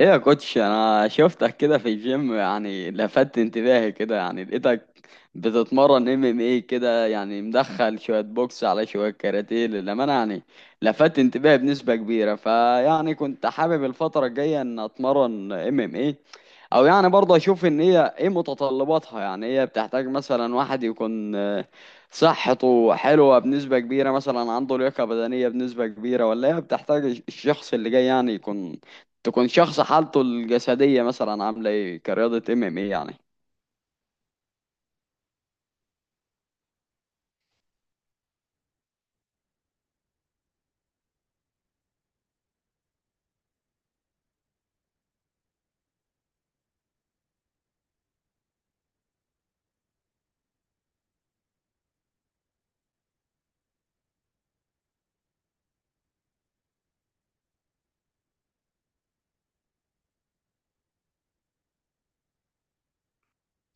ايه يا كوتش، انا شفتك كده في الجيم، يعني لفت انتباهي كده. يعني لقيتك بتتمرن ام ام اي كده، يعني مدخل شوية بوكس على شوية كاراتيه. للأمانة يعني لفت انتباهي بنسبة كبيرة، فيعني كنت حابب الفترة الجاية ان اتمرن ام ام اي. او يعني برضه اشوف ان هي ايه متطلباتها. يعني هي بتحتاج مثلا واحد يكون صحته حلوة بنسبة كبيرة، مثلا عنده لياقة بدنية بنسبة كبيرة، ولا هي بتحتاج الشخص اللي جاي يعني يكون، تكون شخص حالته الجسدية مثلا عاملة ايه كرياضة ام ام ايه يعني.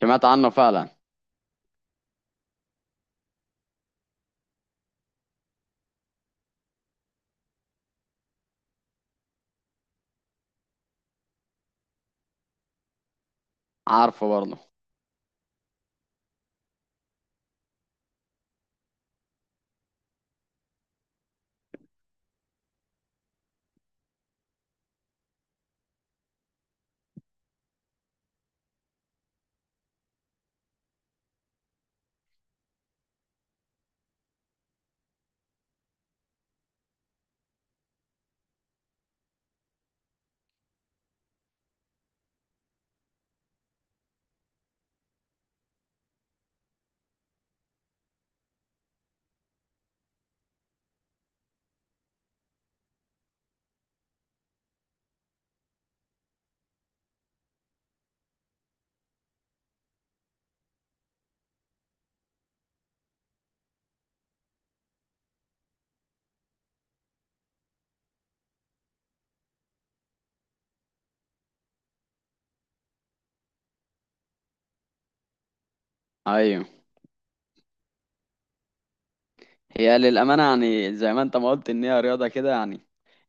سمعت عنه فعلا. عارفه برضه. ايوه، هي للأمانة يعني زي ما انت ما قلت ان هي رياضة كده، يعني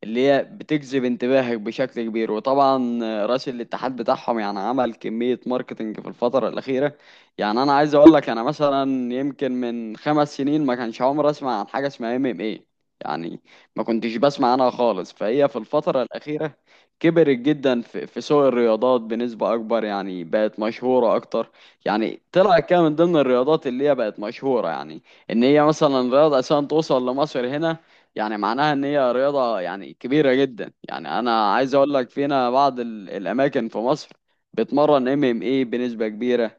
اللي هي بتجذب انتباهك بشكل كبير. وطبعا رئيس الاتحاد بتاعهم يعني عمل كمية ماركتينج في الفترة الأخيرة. يعني أنا عايز أقول لك أنا مثلا يمكن من خمس سنين ما كانش عمري أسمع عن حاجة اسمها ام ام ايه يعني، ما كنتش بسمع عنها خالص. فهي في الفترة الأخيرة كبرت جدا في سوق الرياضات بنسبة أكبر، يعني بقت مشهورة أكتر. يعني طلعت كده من ضمن الرياضات اللي هي بقت مشهورة، يعني ان هي مثلا رياضه اساسا توصل لمصر هنا، يعني معناها ان هي رياضه يعني كبيره جدا. يعني انا عايز اقول لك فينا بعض الاماكن في مصر بتمرن ام ام اي بنسبه كبيره.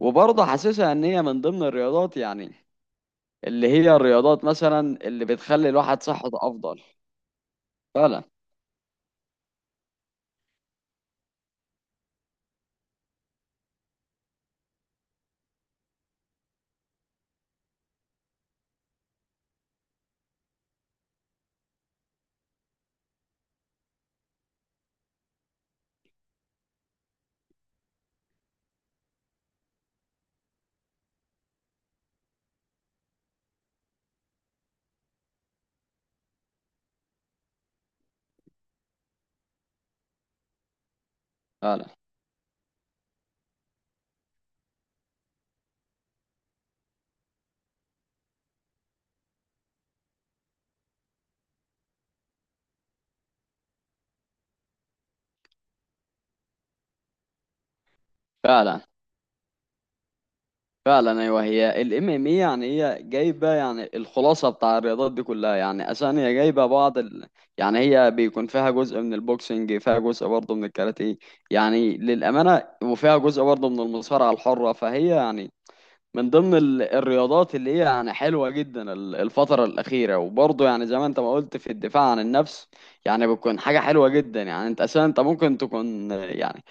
وبرضه حاسسها ان هي من ضمن الرياضات، يعني اللي هي الرياضات مثلا اللي بتخلي الواحد صحته افضل. فعلا. فعلا. فعلا. فعلا. ايوه، هي الام ام اي يعني هي جايبه يعني الخلاصه بتاع الرياضات دي كلها. يعني اساسا هي جايبه بعض يعني هي بيكون فيها جزء من البوكسنج، فيها جزء برضه من الكاراتيه يعني، للامانه، وفيها جزء برضه من المصارعه الحره. فهي يعني من ضمن الرياضات اللي هي يعني حلوه جدا الفتره الاخيره. وبرضه يعني زي ما انت ما قلت في الدفاع عن النفس، يعني بتكون حاجه حلوه جدا. يعني انت اساسا انت ممكن تكون يعني،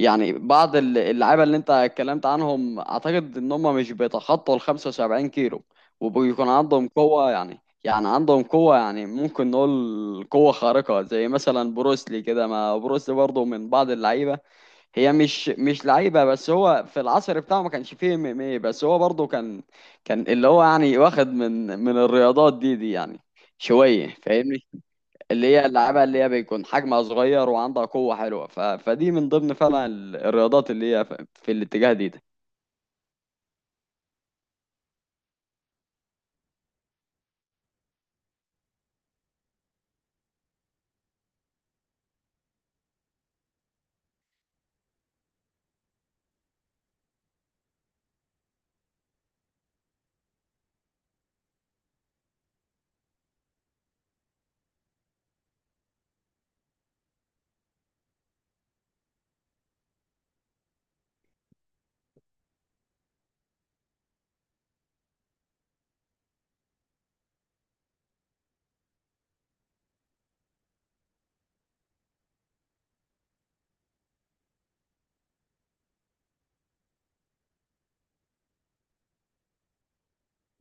يعني بعض اللعيبه اللي انت اتكلمت عنهم اعتقد ان هم مش بيتخطوا ال 75 كيلو، وبيكون عندهم قوه يعني، يعني عندهم قوه، يعني ممكن نقول قوه خارقه زي مثلا بروسلي كده. ما بروسلي برضه من بعض اللعيبه. هي مش لعيبه، بس هو في العصر بتاعه ما كانش فيه ام ام اي، بس هو برضه كان، كان اللي هو يعني واخد من الرياضات دي يعني شويه، فاهمني. اللي هي اللعبة اللي هي بيكون حجمها صغير وعندها قوة حلوة. ف... فدي من ضمن فعلا الرياضات اللي هي في الاتجاه دي, ده.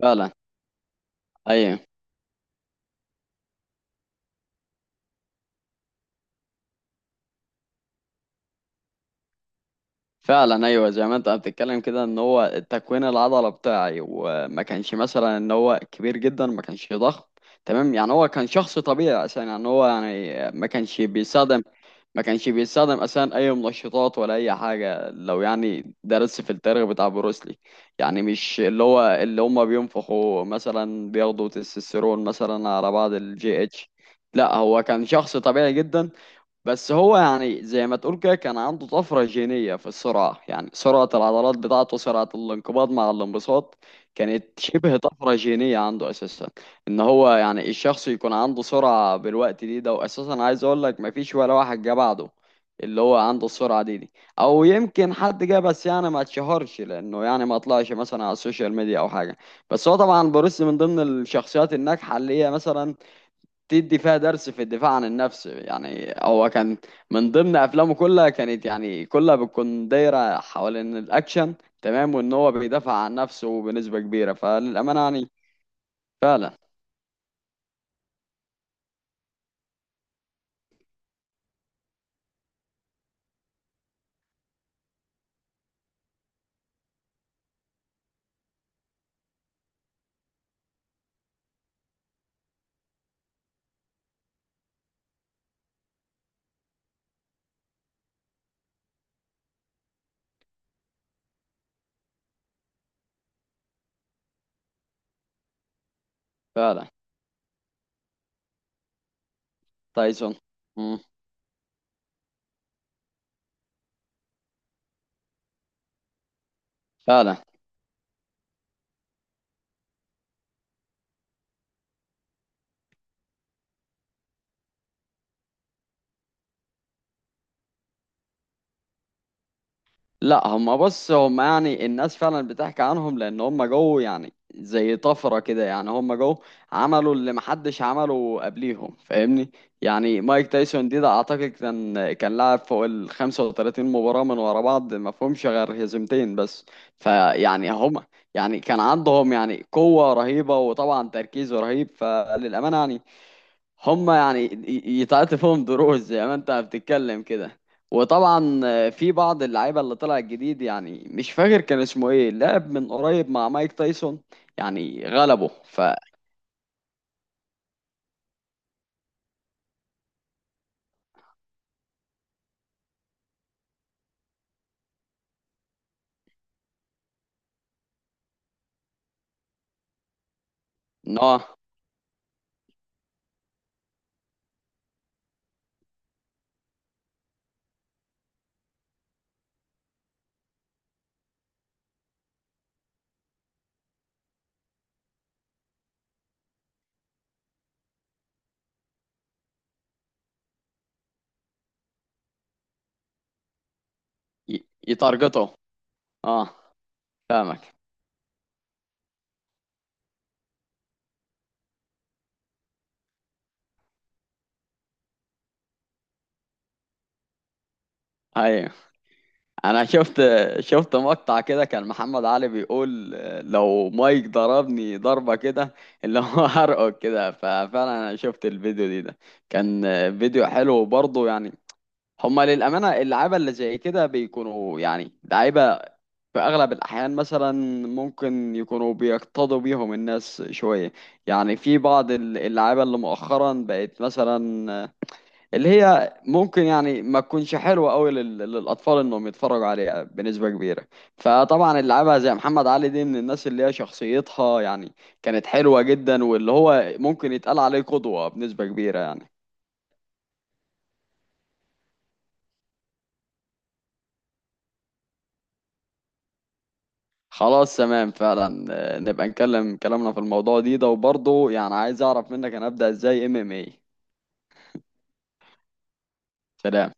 فعلا. ايوه فعلا. ايوه، زي ما انت بتتكلم كده ان هو تكوين العضلة بتاعي، وما كانش مثلا ان هو كبير جدا، ما كانش ضخم، تمام. يعني هو كان شخص طبيعي، عشان يعني هو يعني ما كانش بيستخدم، ما كانش بيستخدم اساسا اي منشطات ولا اي حاجه. لو يعني درس في التاريخ بتاع بروسلي، يعني مش اللي هو اللي هم بينفخوا مثلا بياخدوا تستوستيرون مثلا على بعض الجي اتش. لا، هو كان شخص طبيعي جدا، بس هو يعني زي ما تقول كده كان عنده طفرة جينية في السرعة، يعني سرعة العضلات بتاعته، سرعة الانقباض مع الانبساط كانت شبه طفرة جينية عنده أساسا. إن هو يعني الشخص يكون عنده سرعة بالوقت دي ده، وأساسا عايز أقول لك مفيش ولا واحد جه بعده اللي هو عنده السرعة دي دي. أو يمكن حد جه بس يعني ما اتشهرش، لأنه يعني ما طلعش مثلا على السوشيال ميديا أو حاجة. بس هو طبعا بروس من ضمن الشخصيات الناجحة اللي هي مثلا تدي فيها درس في الدفاع عن النفس. يعني هو كان من ضمن افلامه كلها كانت يعني كلها بتكون دايره حوالين الاكشن، تمام، وان هو بيدافع عن نفسه بنسبه كبيره. فللامانه يعني فعلا فعلا. تايسون. مم. فعلا. لا، هما بص هما يعني الناس فعلا بتحكي عنهم لان هما جو يعني زي طفرة كده، يعني هما جو عملوا اللي محدش عمله قبليهم، فاهمني. يعني مايك تايسون دي ده اعتقد كان، كان لعب فوق ال 35 مباراة من ورا بعض ما فيهمش غير هزيمتين بس. فيعني هما يعني كان عندهم يعني قوة رهيبة، وطبعا تركيز رهيب. فللأمانة يعني هما يعني يتعطي فيهم دروس زي ما انت بتتكلم كده. وطبعا في بعض اللعيبه اللي طلع جديد، يعني مش فاكر كان اسمه ايه، لعب من قريب مع مايك تايسون، يعني غلبه. ف ان هو يتارجته. اه، فاهمك. ايوه، انا شفت، شفت مقطع كده كان محمد علي بيقول لو مايك ضربني ضربه كده اللي هو هرقه كده. ففعلا انا شفت الفيديو دي ده، كان فيديو حلو برضه يعني. هما للأمانة اللعيبة اللي زي كده بيكونوا يعني لعيبة في أغلب الأحيان، مثلا ممكن يكونوا بيقتضوا بيهم الناس شوية. يعني في بعض اللعيبة اللي مؤخرا بقت مثلا اللي هي ممكن يعني ما تكونش حلوة أوي للأطفال إنهم يتفرجوا عليها بنسبة كبيرة. فطبعا اللعيبة زي محمد علي دي من الناس اللي هي شخصيتها يعني كانت حلوة جدا، واللي هو ممكن يتقال عليه قدوة بنسبة كبيرة يعني. خلاص تمام، فعلا. نبقى نكلم كلامنا في الموضوع دي ده، وبرضه يعني عايز اعرف منك انا ابدأ ازاي ام ام اي. سلام.